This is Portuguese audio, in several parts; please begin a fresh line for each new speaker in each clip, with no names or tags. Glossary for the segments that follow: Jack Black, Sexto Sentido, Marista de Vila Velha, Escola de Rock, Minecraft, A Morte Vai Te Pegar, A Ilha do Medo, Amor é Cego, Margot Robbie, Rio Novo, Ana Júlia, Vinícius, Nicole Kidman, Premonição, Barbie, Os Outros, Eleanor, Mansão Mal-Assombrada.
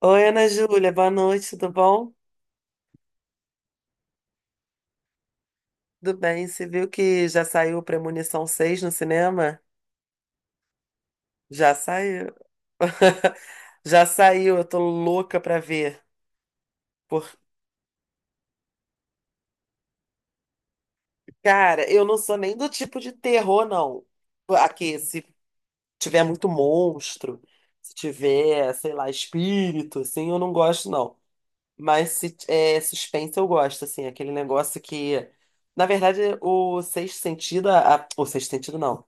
Oi, Ana Júlia, boa noite, tudo bom? Tudo bem, você viu que já saiu Premonição 6 no cinema? Já saiu. Já saiu, eu tô louca pra ver. Por... Cara, eu não sou nem do tipo de terror, não. Aqui, se tiver muito monstro, se tiver, sei lá, espírito, assim, eu não gosto, não. Mas se é suspense, eu gosto, assim, aquele negócio que. Na verdade, o sexto sentido. O sexto sentido, não.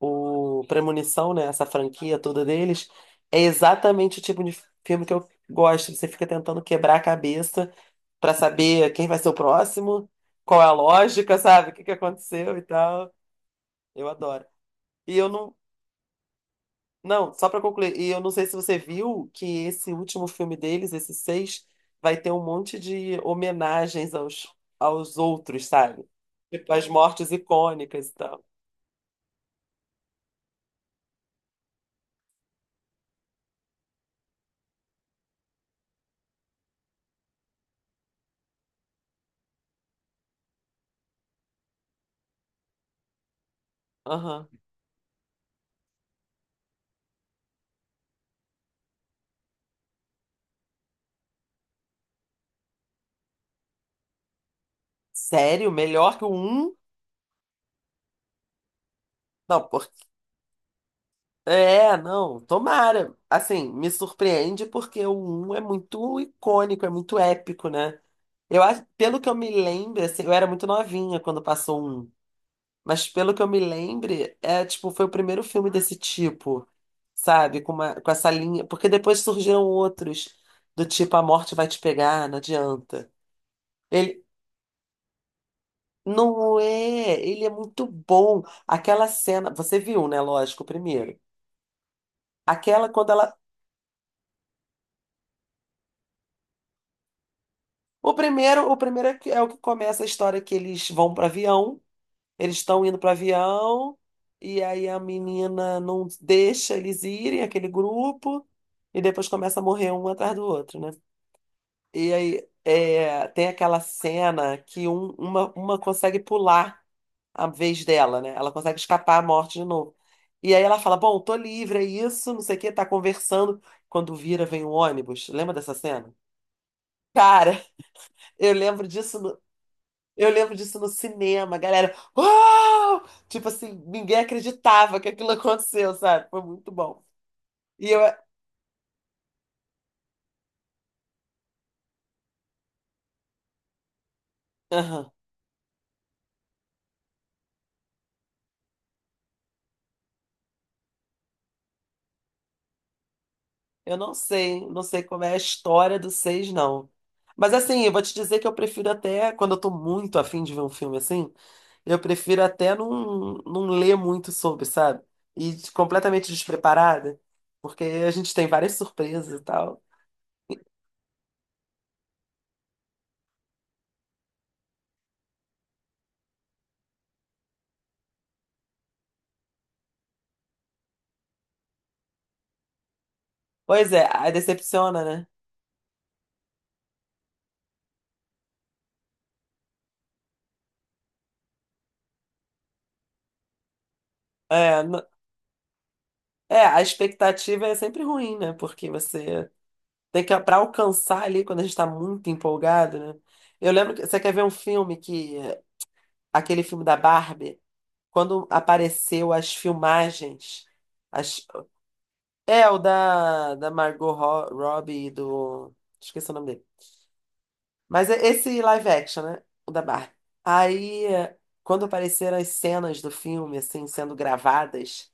O Premonição, né? Essa franquia toda deles, é exatamente o tipo de filme que eu gosto. Você fica tentando quebrar a cabeça pra saber quem vai ser o próximo, qual é a lógica, sabe? O que que aconteceu e tal. Eu adoro. E eu não. Não, só pra concluir, e eu não sei se você viu que esse último filme deles, esse seis, vai ter um monte de homenagens aos outros, sabe? Tipo, as mortes icônicas e tal. Aham. Sério? Melhor que o um? Não, é, não, tomara. Assim, me surpreende porque o um é muito icônico, é muito épico, né? Eu acho, pelo que eu me lembro, assim, eu era muito novinha quando passou o 1, mas pelo que eu me lembro, é tipo, foi o primeiro filme desse tipo, sabe? Com uma, com essa linha, porque depois surgiram outros do tipo A Morte Vai Te Pegar, não adianta. Ele não é, ele é muito bom. Aquela cena, você viu, né, lógico, o primeiro. Aquela quando ela. O primeiro é, é o que começa a história que eles vão para avião, eles estão indo para avião e aí a menina não deixa eles irem, aquele grupo, e depois começa a morrer um atrás do outro, né? E aí é, tem aquela cena que uma consegue pular a vez dela, né? Ela consegue escapar à morte de novo. E aí ela fala, bom, tô livre, é isso, não sei o quê, tá conversando. Quando vira, vem um ônibus. Lembra dessa cena? Cara, eu lembro disso. Eu lembro disso no cinema, a galera. Uau! Tipo assim, ninguém acreditava que aquilo aconteceu, sabe? Foi muito bom. E eu, aham, eu não sei, não sei como é a história do seis, não. Mas assim, eu vou te dizer que eu prefiro até, quando eu tô muito afim de ver um filme assim, eu prefiro até não ler muito sobre, sabe? Completamente despreparada, porque a gente tem várias surpresas e tal. Pois é, aí decepciona, né? É, n- é, a expectativa é sempre ruim, né? Porque você. Tem que, para alcançar ali, quando a gente tá muito empolgado, né? Eu lembro que você quer ver um filme que, aquele filme da Barbie, quando apareceu as filmagens, as, é o da, Margot Robbie e do, esqueci o nome dele. Mas é esse live action, né? O da Barbie. Aí, quando apareceram as cenas do filme, assim, sendo gravadas,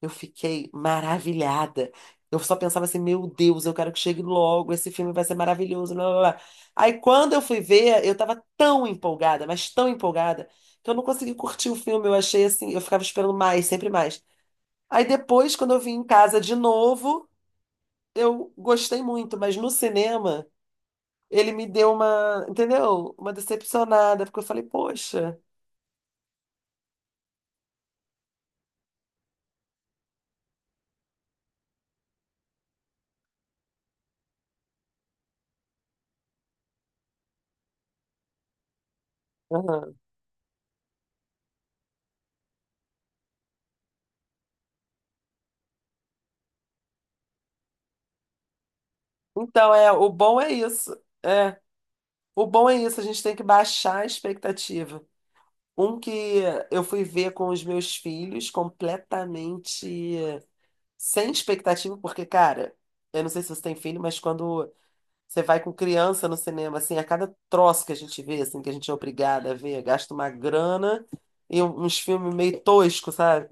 eu fiquei maravilhada. Eu só pensava assim, meu Deus, eu quero que chegue logo, esse filme vai ser maravilhoso. Blá, blá, blá. Aí quando eu fui ver, eu tava tão empolgada, mas tão empolgada, que eu não consegui curtir o filme. Eu achei assim, eu ficava esperando mais, sempre mais. Aí depois, quando eu vim em casa de novo, eu gostei muito, mas no cinema, ele me deu uma, entendeu? Uma decepcionada, porque eu falei, poxa. Aham. Então, é, o bom é isso. É, o bom é isso, a gente tem que baixar a expectativa. Um que eu fui ver com os meus filhos completamente sem expectativa, porque, cara, eu não sei se você tem filho, mas quando você vai com criança no cinema, assim, a cada troço que a gente vê, assim, que a gente é obrigada a ver, gasta uma grana e uns filmes meio toscos, sabe?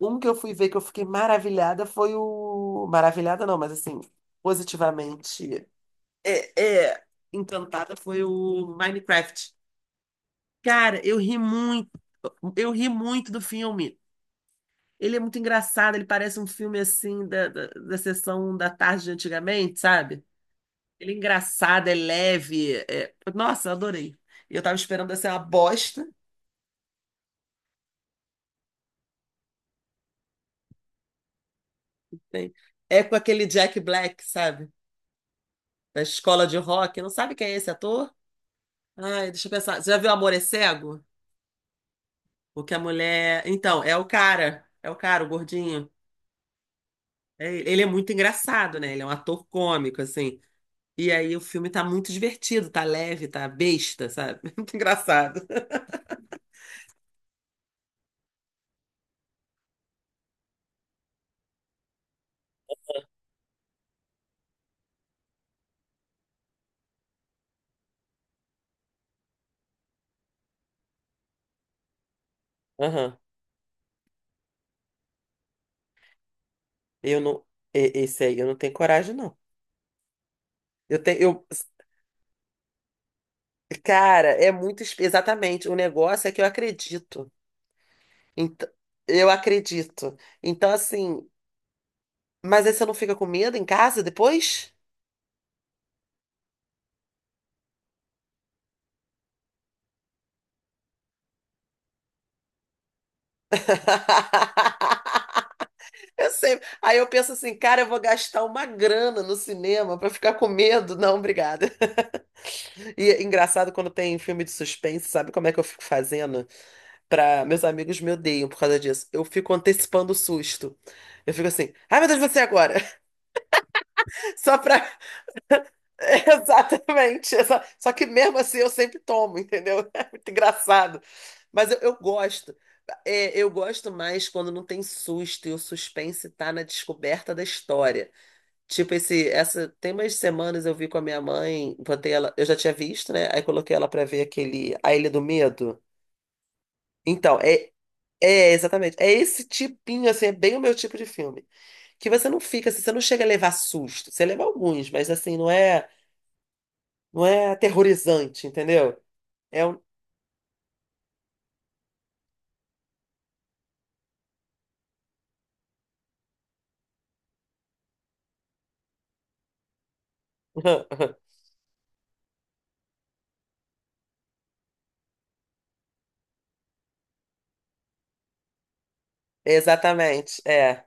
Um que eu fui ver que eu fiquei maravilhada foi o. Maravilhada não, mas assim, positivamente. É, encantada foi o Minecraft. Cara, eu ri muito do filme. Ele é muito engraçado, ele parece um filme assim da, da sessão da tarde de antigamente, sabe? Ele é engraçado, é leve. Nossa, eu adorei. E eu tava esperando assim uma bosta. Né? É com aquele Jack Black, sabe? Da escola de rock. Não sabe quem é esse ator? Ai, deixa eu pensar. Você já viu Amor é Cego? O que a mulher. Então, é o cara. É o cara, o gordinho. Ele é muito engraçado, né? Ele é um ator cômico, assim. E aí o filme tá muito divertido, tá leve, tá besta, sabe? Muito engraçado. Aham. Eu não. Esse aí eu não tenho coragem, não. Eu tenho. Cara, é muito. Exatamente. O negócio é que eu acredito. Então, eu acredito. Então, assim. Mas aí você não fica com medo em casa depois? Eu sempre. Aí eu penso assim, cara, eu vou gastar uma grana no cinema pra ficar com medo. Não, obrigada. E é engraçado quando tem filme de suspense, sabe como é que eu fico fazendo? Meus amigos me odeiam por causa disso. Eu fico antecipando o susto. Eu fico assim, ai meu Deus, você agora! Só pra. Exatamente. Só que mesmo assim eu sempre tomo, entendeu? É muito engraçado. Mas eu gosto. É, eu gosto mais quando não tem susto e o suspense tá na descoberta da história. Tipo, tem umas semanas eu vi com a minha mãe, botei ela, eu já tinha visto, né? Aí coloquei ela pra ver aquele A Ilha do Medo. Então, é. É, exatamente. É esse tipinho, assim, é bem o meu tipo de filme. Que você não fica, assim, você não chega a levar susto. Você leva alguns, mas assim, não é aterrorizante, entendeu? É um... Exatamente, é.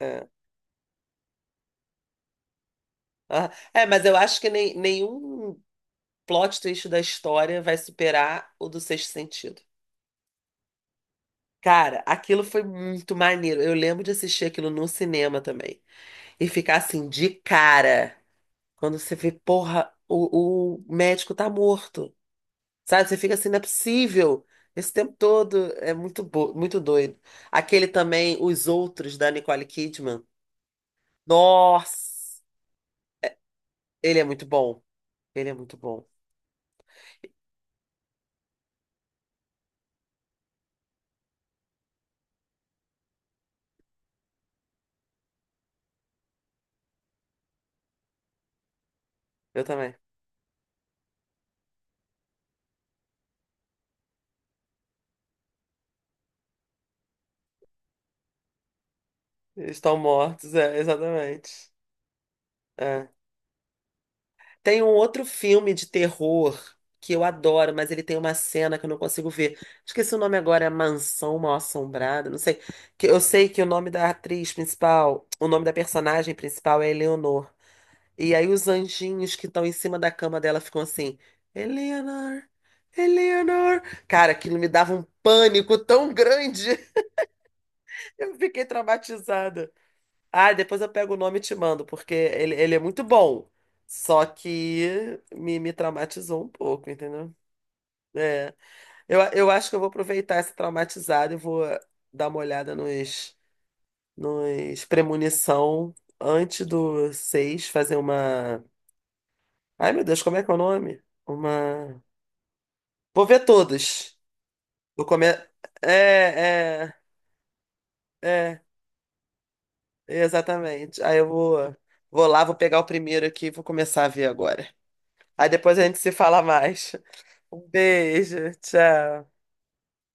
É, ah, é, mas eu acho que nem, nenhum plot twist da história vai superar o do Sexto Sentido. Cara, aquilo foi muito maneiro. Eu lembro de assistir aquilo no cinema também. E ficar assim, de cara. Quando você vê, porra, o médico tá morto. Sabe? Você fica assim, não é possível. Esse tempo todo é muito doido. Aquele também, Os Outros, da Nicole Kidman. Nossa! Ele é muito bom. Ele é muito bom. Eu também. Eles estão mortos, é, exatamente. É. Tem um outro filme de terror que eu adoro, mas ele tem uma cena que eu não consigo ver. Esqueci o nome agora, é Mansão Mal-Assombrada, não sei. Que eu sei que o nome da personagem principal é Eleanor. E aí os anjinhos que estão em cima da cama dela ficam assim, Eleanor, Eleanor. Cara, aquilo me dava um pânico tão grande. Eu fiquei traumatizada. Ah, depois eu pego o nome e te mando, porque ele é muito bom. Só que me traumatizou um pouco, entendeu? É, eu acho que eu vou aproveitar essa traumatizada e vou dar uma olhada nos premonição antes do 6 fazer uma. Ai, meu Deus, como é que é o nome? Uma. Vou ver todas. Vou comer. É, é, é, exatamente. Aí vou lá, vou pegar o primeiro aqui e vou começar a ver agora. Aí depois a gente se fala mais. Um beijo, tchau.